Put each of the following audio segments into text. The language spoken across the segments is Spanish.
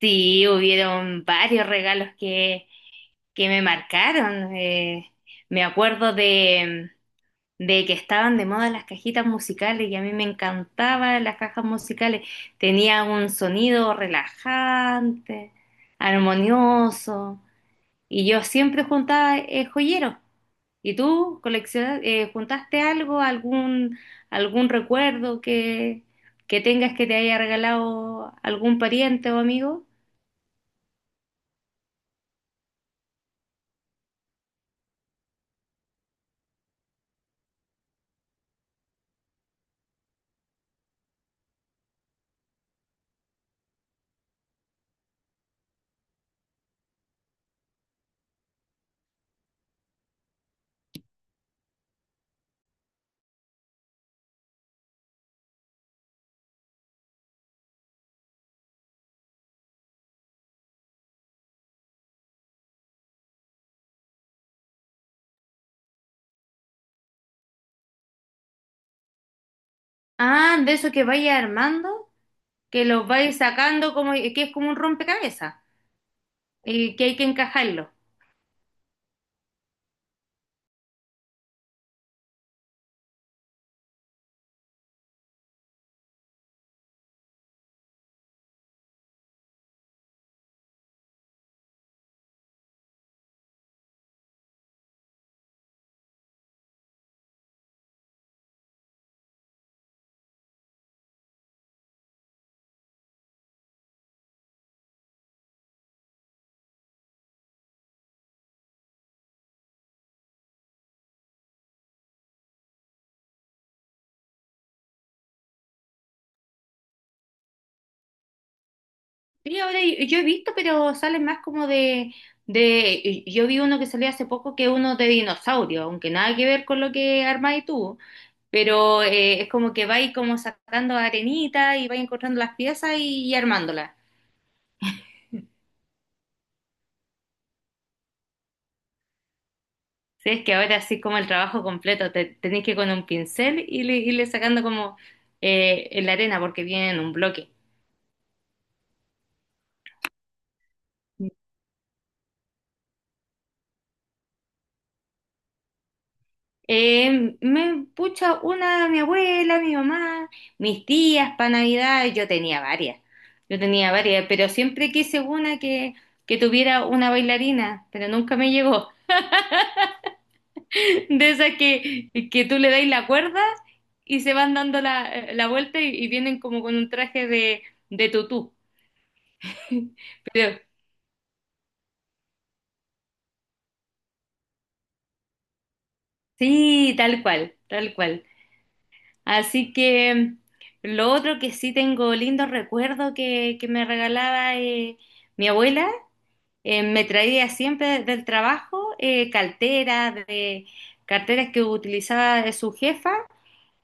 Sí, hubieron varios regalos que me marcaron. Me acuerdo de que estaban de moda las cajitas musicales, y a mí me encantaban las cajas musicales. Tenía un sonido relajante, armonioso, y yo siempre juntaba joyeros. ¿Y tú coleccionas, juntaste algo, algún recuerdo que tengas que te haya regalado algún pariente o amigo? Ah, de eso que vaya armando, que los vais sacando como que es como un rompecabezas, que hay que encajarlo. Y ahora yo he visto, pero salen más como yo vi uno que salió hace poco, que es uno de dinosaurio, aunque nada que ver con lo que armáis tú, pero es como que vais como sacando arenita y vais encontrando las piezas y armándolas. Sí, es que ahora sí como el trabajo completo, te, tenéis que ir con un pincel y le, irle sacando como la arena porque viene en un bloque. Me pucha una, mi abuela, mi mamá, mis tías para Navidad. Yo tenía varias, yo tenía varias, pero siempre quise una que tuviera una bailarina, pero nunca me llegó. De esas que tú le dais la cuerda y se van dando la, la vuelta y vienen como con un traje de tutú. Pero sí, tal cual, tal cual. Así que lo otro que sí tengo lindo recuerdo que me regalaba mi abuela. Me traía siempre del trabajo carteras, de, carteras que utilizaba su jefa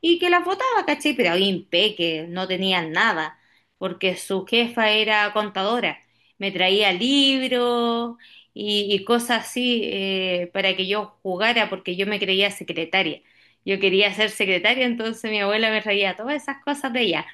y que las votaba, ¿cachai? Pero ahí impeque, no tenían nada, porque su jefa era contadora. Me traía libros y cosas así para que yo jugara, porque yo me creía secretaria. Yo quería ser secretaria, entonces mi abuela me traía todas esas cosas de ella.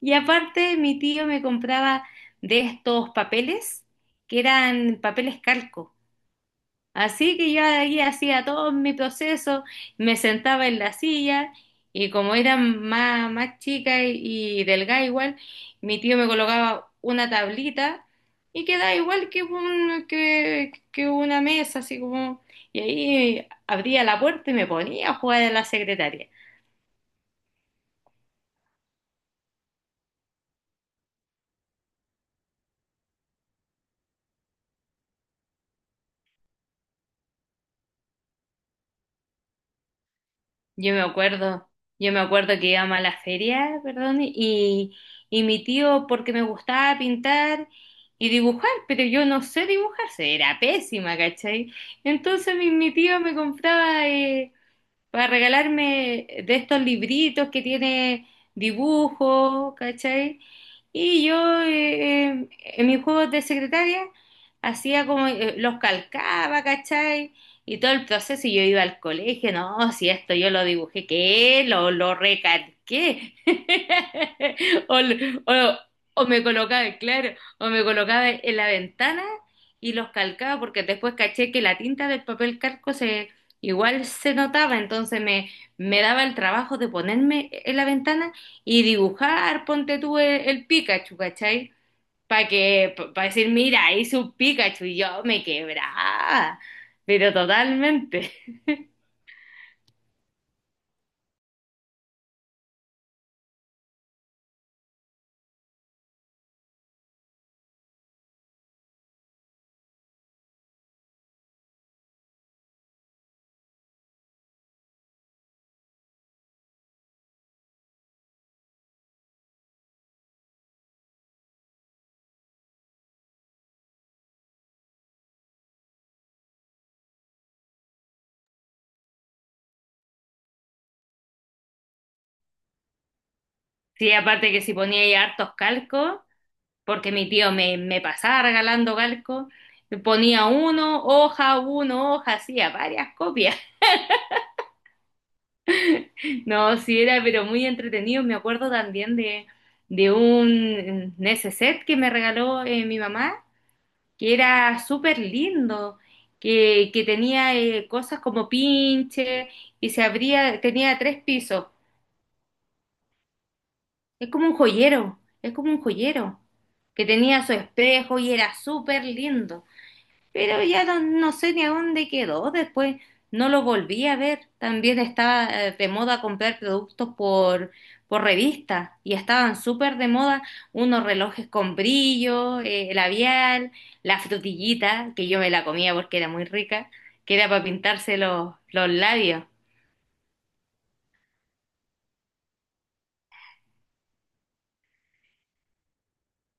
Y aparte, mi tío me compraba de estos papeles, que eran papeles calco. Así que yo ahí hacía todo mi proceso, me sentaba en la silla y, como era más, más chica y delgada igual, mi tío me colocaba una tablita y quedaba igual que que una mesa, así como... Y ahí abría la puerta y me ponía a jugar a la secretaria. Yo me acuerdo, yo me acuerdo que íbamos a la feria, perdón, y mi tío, porque me gustaba pintar y dibujar, pero yo no sé dibujar, era pésima, ¿cachai? Entonces mi tío me compraba para regalarme de estos libritos que tiene dibujo, ¿cachai? Y yo en mis juegos de secretaria hacía como los calcaba, ¿cachai? Y todo el proceso, y yo iba al colegio, no, si esto yo lo dibujé, ¿qué? Lo recalqué. O, lo- o- o me colocaba, claro, o me colocaba en la ventana y los calcaba, porque después caché que la tinta del papel calco se... Igual se notaba, entonces me daba el trabajo de ponerme en la ventana y dibujar, ponte tú el Pikachu, ¿cachai? Para que, para decir, mira, hice un Pikachu, y yo me quebraba, pero totalmente. Sí, aparte que si ponía ahí hartos calcos, porque mi tío me, me pasaba regalando calcos, ponía uno, hoja, hacía varias copias. No, sí era, pero muy entretenido. Me acuerdo también de un neceser que me regaló mi mamá, que era súper lindo, que tenía cosas como pinche y se abría, tenía tres pisos. Es como un joyero, es como un joyero, que tenía su espejo y era súper lindo. Pero ya no, no sé ni a dónde quedó. Después no lo volví a ver. También estaba de moda comprar productos por revista, y estaban súper de moda unos relojes con brillo, labial, la frutillita, que yo me la comía porque era muy rica, que era para pintarse los labios.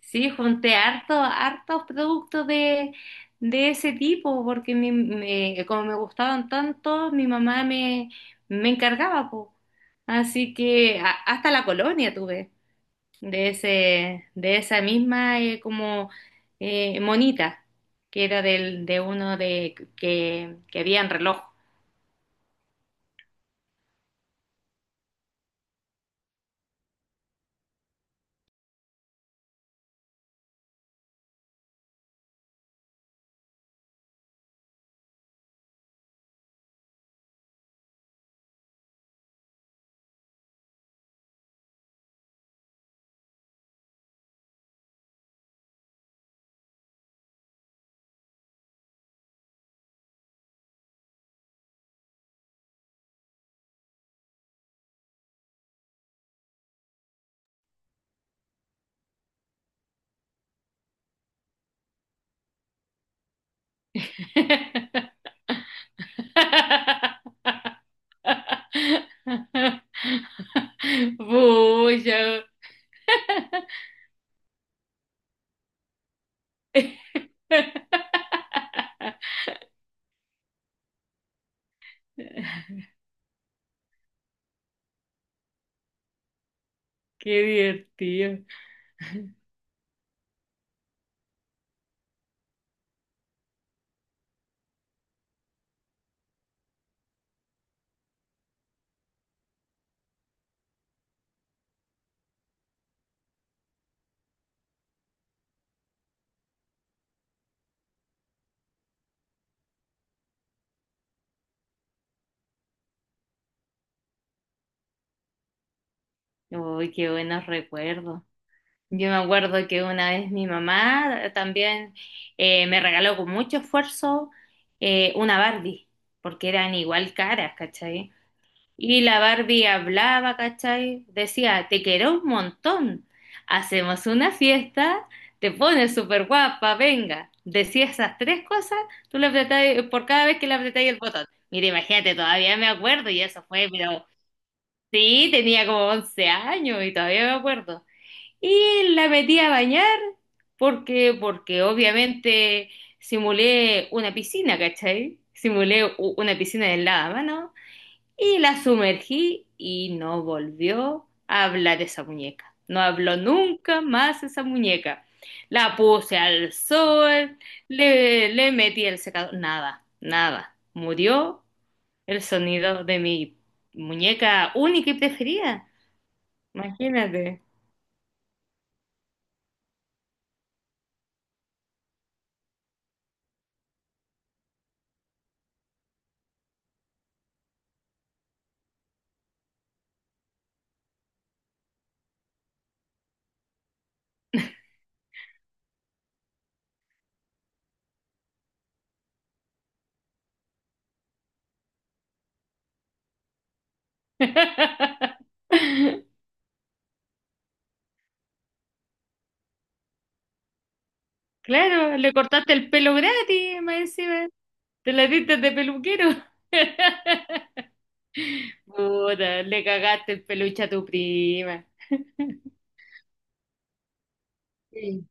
Sí, junté harto, hartos productos de ese tipo, porque como me gustaban tanto, mi mamá me encargaba, po. Así que hasta la colonia tuve de ese, de esa misma como monita, que era del, de uno de que había en reloj. Pucha. Qué divertido. Uy, qué buenos recuerdos. Yo me acuerdo que una vez mi mamá también me regaló con mucho esfuerzo una Barbie, porque eran igual caras, ¿cachai? Y la Barbie hablaba, ¿cachai? Decía, te quiero un montón, hacemos una fiesta, te pones súper guapa, venga. Decía esas tres cosas, tú le apretabas, por cada vez que le apretabas el botón. Mira, imagínate, todavía me acuerdo, y eso fue, pero sí, tenía como 11 años y todavía me acuerdo. Y la metí a bañar porque, porque obviamente simulé una piscina, ¿cachai? Simulé una piscina de lavamanos, y la sumergí, y no volvió a hablar esa muñeca. No habló nunca más esa muñeca. La puse al sol, le metí el secador, nada, nada. Murió el sonido de mi muñeca única y preferida. Imagínate. Claro, le cortaste el pelo gratis, más encima. Te la diste de peluquero. Puta, le cagaste el peluche a tu prima. Sí.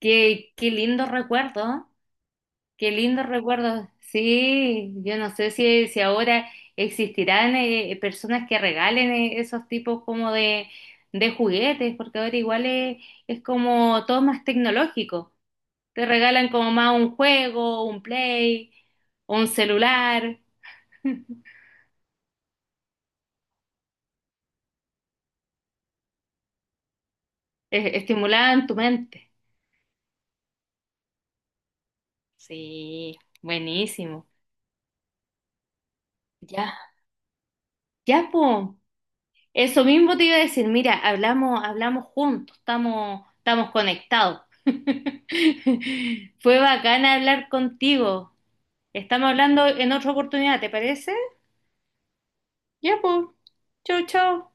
Qué, qué lindo recuerdo, ¿eh? Qué lindo recuerdo. Sí, yo no sé si ahora existirán personas que regalen esos tipos como de juguetes, porque ahora igual es como todo más tecnológico. Te regalan como más un juego, un play, o un celular. e- estimulaban tu mente. Sí, buenísimo. Ya, ya, po. Eso mismo te iba a decir, mira, hablamos, hablamos juntos, estamos, estamos conectados. Fue bacán hablar contigo. Estamos hablando en otra oportunidad, ¿te parece? Ya, pues. Chau, chau.